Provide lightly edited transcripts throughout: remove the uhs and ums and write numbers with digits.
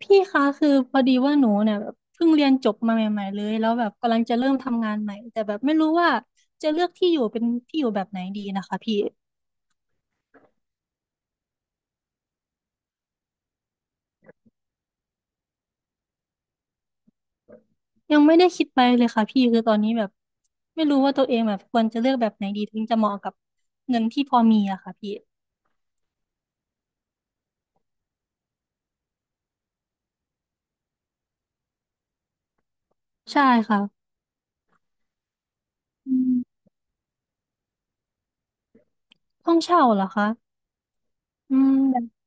พี่คะคือพอดีว่าหนูเนี่ยแบบเพิ่งเรียนจบมาใหม่ๆเลยแล้วแบบกำลังจะเริ่มทำงานใหม่แต่แบบไม่รู้ว่าจะเลือกที่อยู่เป็นที่อยู่แบบไหนดีนะคะพี่ยังไม่ได้คิดไปเลยค่ะพี่คือตอนนี้แบบไม่รู้ว่าตัวเองแบบควรจะเลือกแบบไหนดีถึงจะเหมาะกับเงินที่พอมีอะค่ะพี่ใช่ค่ะอืมห้องเช่าเหรอคะอืม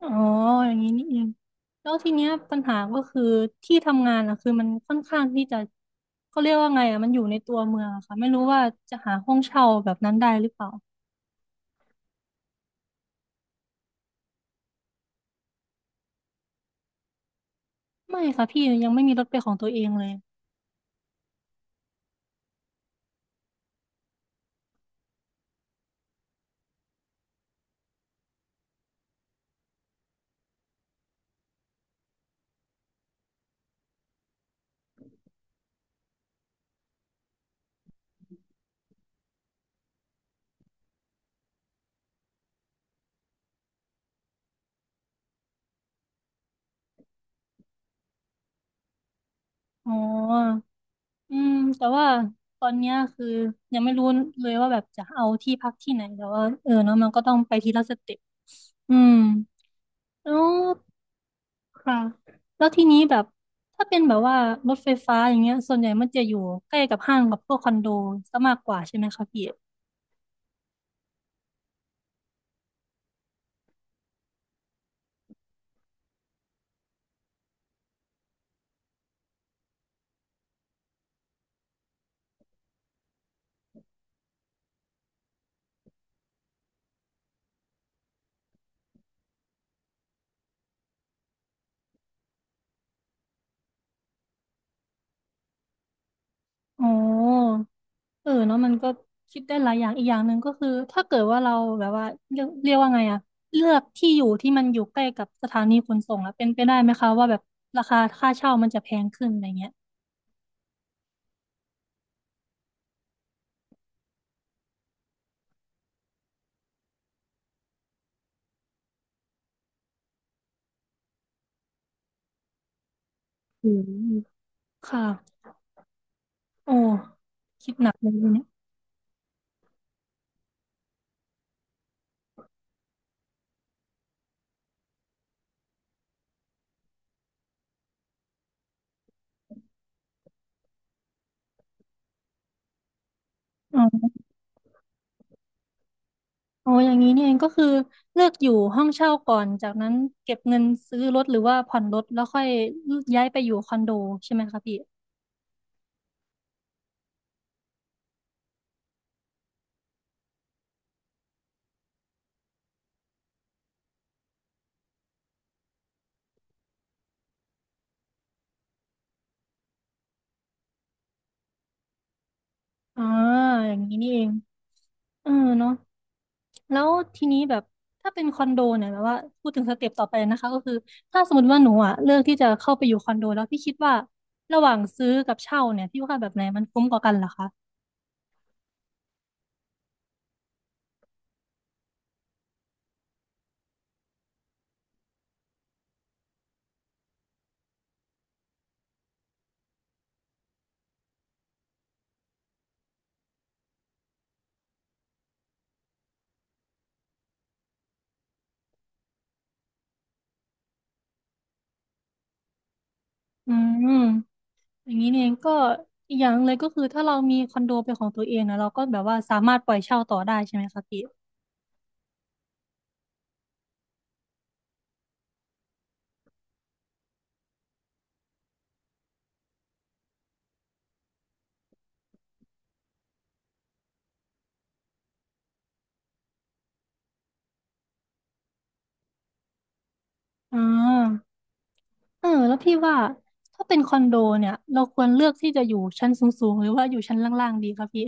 อ๋ออย่างนี้นี่เองแล้วทีเนี้ยปัญหาก็คือที่ทำงานอะคือมันค่อนข้างที่จะเขาเรียกว่าไงอะมันอยู่ในตัวเมืองอะค่ะไม่รู้ว่าจะหาห้องเช่าแบบนั้นได้หรือเปล่าไม่ค่ะพี่ยังไม่มีรถเป็นของตัวเองเลยอ๋ออืมแต่ว่าตอนเนี้ยคือยังไม่รู้เลยว่าแบบจะเอาที่พักที่ไหนแต่ว่าเออเนาะมันก็ต้องไปทีละสเต็ปอืมอ๋อ ค่ะแล้วทีนี้แบบถ้าเป็นแบบว่ารถไฟฟ้าอย่างเงี้ยส่วนใหญ่มันจะอยู่ใกล้กับห้างกับพวกคอนโดซะมากกว่าใช่ไหมคะพี่อ๋อเออเนาะมันก็คิดได้หลายอย่างอีกอย่างหนึ่งก็คือถ้าเกิดว่าเราแบบว่าเรียกว่าไงอะเลือกที่อยู่ที่มันอยู่ใกล้กับสถานีขนส่งแล้วเป็นไปได้ไหมคะว่าแบบราคาค่าเช่ามันจะแพงขึ้นอะไรเงี้ยอืมค่ะโอ้คิดหนักเลยทีเนี่ย อ๋ออย่างนี้นี่เองก็คือเลือกอยู่ห้องเช่าก่อนจากนั้นเก็บเงินซื้อรถหรือว่าผ่อนรถแล้วค่อยย้ายไปอยู่คอนโดใช่ไหมคะพี่อ่าอย่างนี้นี่เองเออเนาะแล้วทีนี้แบบถ้าเป็นคอนโดเนี่ยแบบว่าพูดถึงสเต็ปต่อไปนะคะก็คือถ้าสมมติว่าหนูอ่ะเลือกที่จะเข้าไปอยู่คอนโดแล้วพี่คิดว่าระหว่างซื้อกับเช่าเนี่ยพี่ว่าแบบไหนมันคุ้มกว่ากันเหรอคะอืมอย่างนี้นี่เองก็อีกอย่างหนึ่งเลยก็คือถ้าเรามีคอนโดเป็นของตัวเองนะเราก็แบบว่าสามารถปล่อยเช่าต่อได้ใช่ไหมคะพี่ อ่าเออแล้วพี่ว่าถ้าเป็นคอนโดเนี่ยเราควรเลือกที่จะอยู่ชั้นสูงๆหรือว่าอยู่ชั้นล่างๆดีครับพี่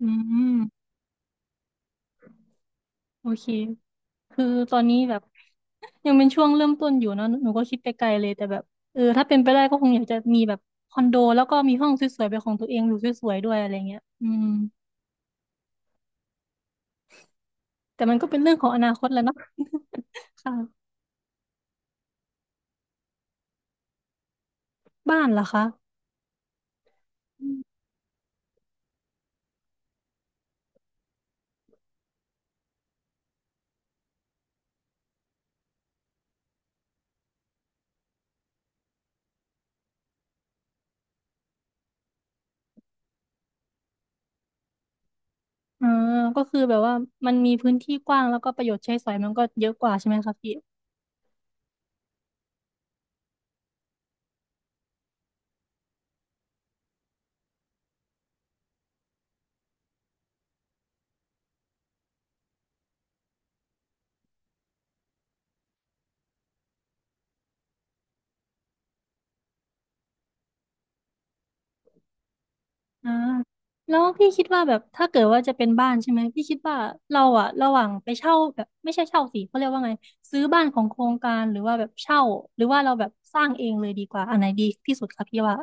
อืมโอเค คือตอนนี้แบบยังเป็นช่วงเริ่มต้นอยู่เนาะหนูก็คิดไปไกลเลยแต่แบบเออถ้าเป็นไปได้ก็คงอยากจะมีแบบคอนโดแล้วก็มีห้องสวยๆเป็นของตัวเองอยู่สวยๆด้วยอะไรเงี้ยอืมแต่มันก็เป็นเรื่องของอนาคตแหล้วเนาะ ค่ะบ้านเหรอคะอืมอ่าก็คือแบบว่ามันมีพื้นที่กว้างแล้วก็ประโยชน์ใช้สอยมันก็เยอะกว่าใช่ไหมคะพี่ อ่าแล้วพี่คิดว่าแบบถ้าเกิดว่าจะเป็นบ้านใช่ไหมพี่คิดว่าเราอะระหว่างไปเช่าแบบไม่ใช่เช่าสิเขาเรียกว่าไงซื้อบ้านของโครงการหรือว่าแบบเช่าหรือว่าเราแบบสร้างเองเลยดีกว่าอันไหนดีที่สุดคะพี่ว่า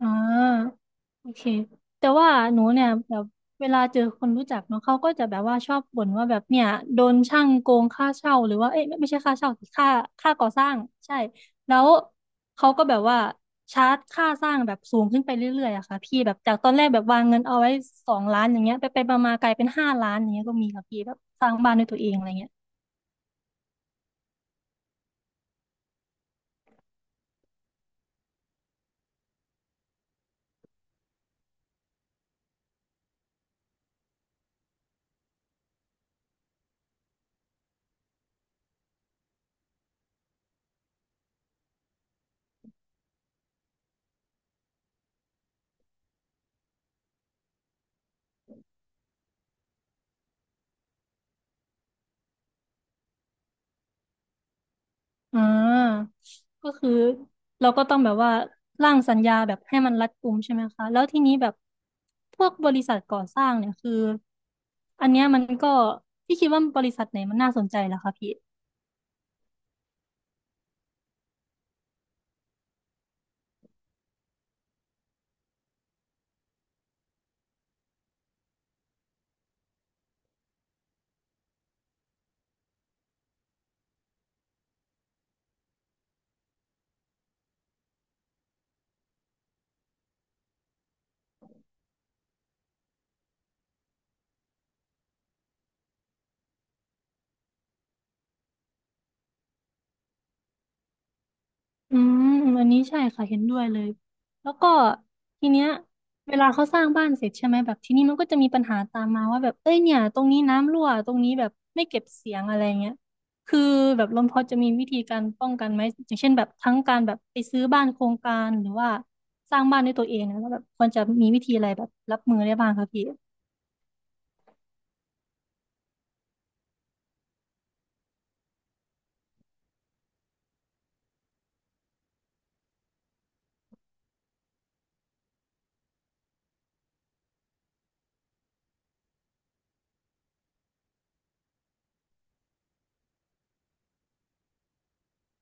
อ่าโอเคแต่ว่าหนูเนี่ยแบบเวลาเจอคนรู้จักเนาะเขาก็จะแบบว่าชอบบ่นว่าแบบเนี่ยโดนช่างโกงค่าเช่าหรือว่าเอ้ยไม่ใช่ค่าเช่าสิค่าค่าก่อสร้างใช่แล้วเขาก็แบบว่าชาร์จค่าสร้างแบบสูงขึ้นไปเรื่อยๆอะค่ะพี่แบบจากตอนแรกแบบวางเงินเอาไว้2 ล้านอย่างเงี้ยไปไปมามากลายเป็น5 ล้านอย่างเงี้ยก็มีค่ะพี่แบบสร้างบ้านด้วยตัวเองอะไรเงี้ย อ่าก็คือเราก็ต้องแบบว่าร่างสัญญาแบบให้มันรัดกุมใช่ไหมคะแล้วทีนี้แบบพวกบริษัทก่อสร้างเนี่ยคืออันเนี้ยมันก็พี่คิดว่าบริษัทไหนมันน่าสนใจล่ะคะพี่ อืมอันนี้ใช่ค่ะเห็นด้วยเลยแล้วก็ทีเนี้ยเวลาเขาสร้างบ้านเสร็จใช่ไหมแบบทีนี้มันก็จะมีปัญหาตามมาว่าแบบเอ้ยเนี่ยตรงนี้น้ำรั่วตรงนี้แบบไม่เก็บเสียงอะไรเงี้ยคือแบบลมพอจะมีวิธีการป้องกันไหมอย่างเช่นแบบทั้งการแบบไปซื้อบ้านโครงการหรือว่าสร้างบ้านด้วยตัวเองนะแล้วแบบควรจะมีวิธีอะไรแบบรับมือได้บ้างคะพี่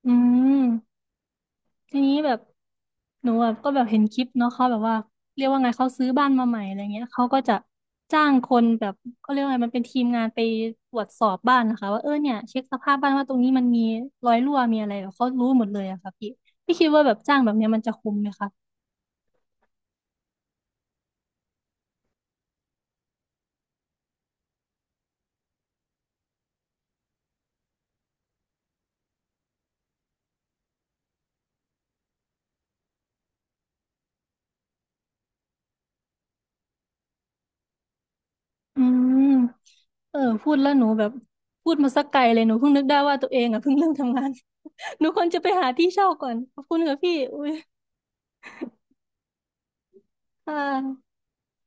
อืม ทีนี้แบบหนูแบบก็แบบเห็นคลิปเนาะเขาแบบว่าเรียกว่าไงเขาซื้อบ้านมาใหม่อะไรเงี้ยเขาก็จะจ้างคนแบบเขาเรียกว่าไงมันเป็นทีมงานไปตรวจสอบบ้านนะคะว่าเออเนี่ยเช็คสภาพบ้านว่าตรงนี้มันมีรอยรั่วมีอะไรแบบเขารู้หมดเลยอะค่ะพี่พี่คิดว่าแบบจ้างแบบเนี้ยมันจะคุ้มไหมคะอืมเออพูดแล้วหนูแบบพูดมาสักไกลเลยหนูเพิ่งนึกได้ว่าตัวเองอะเพิ่งเริ่มทำงาน หนูควรจะไปหาที่เช่าก่อนขอบคุณค่ะพี่อุ้ยค่ะ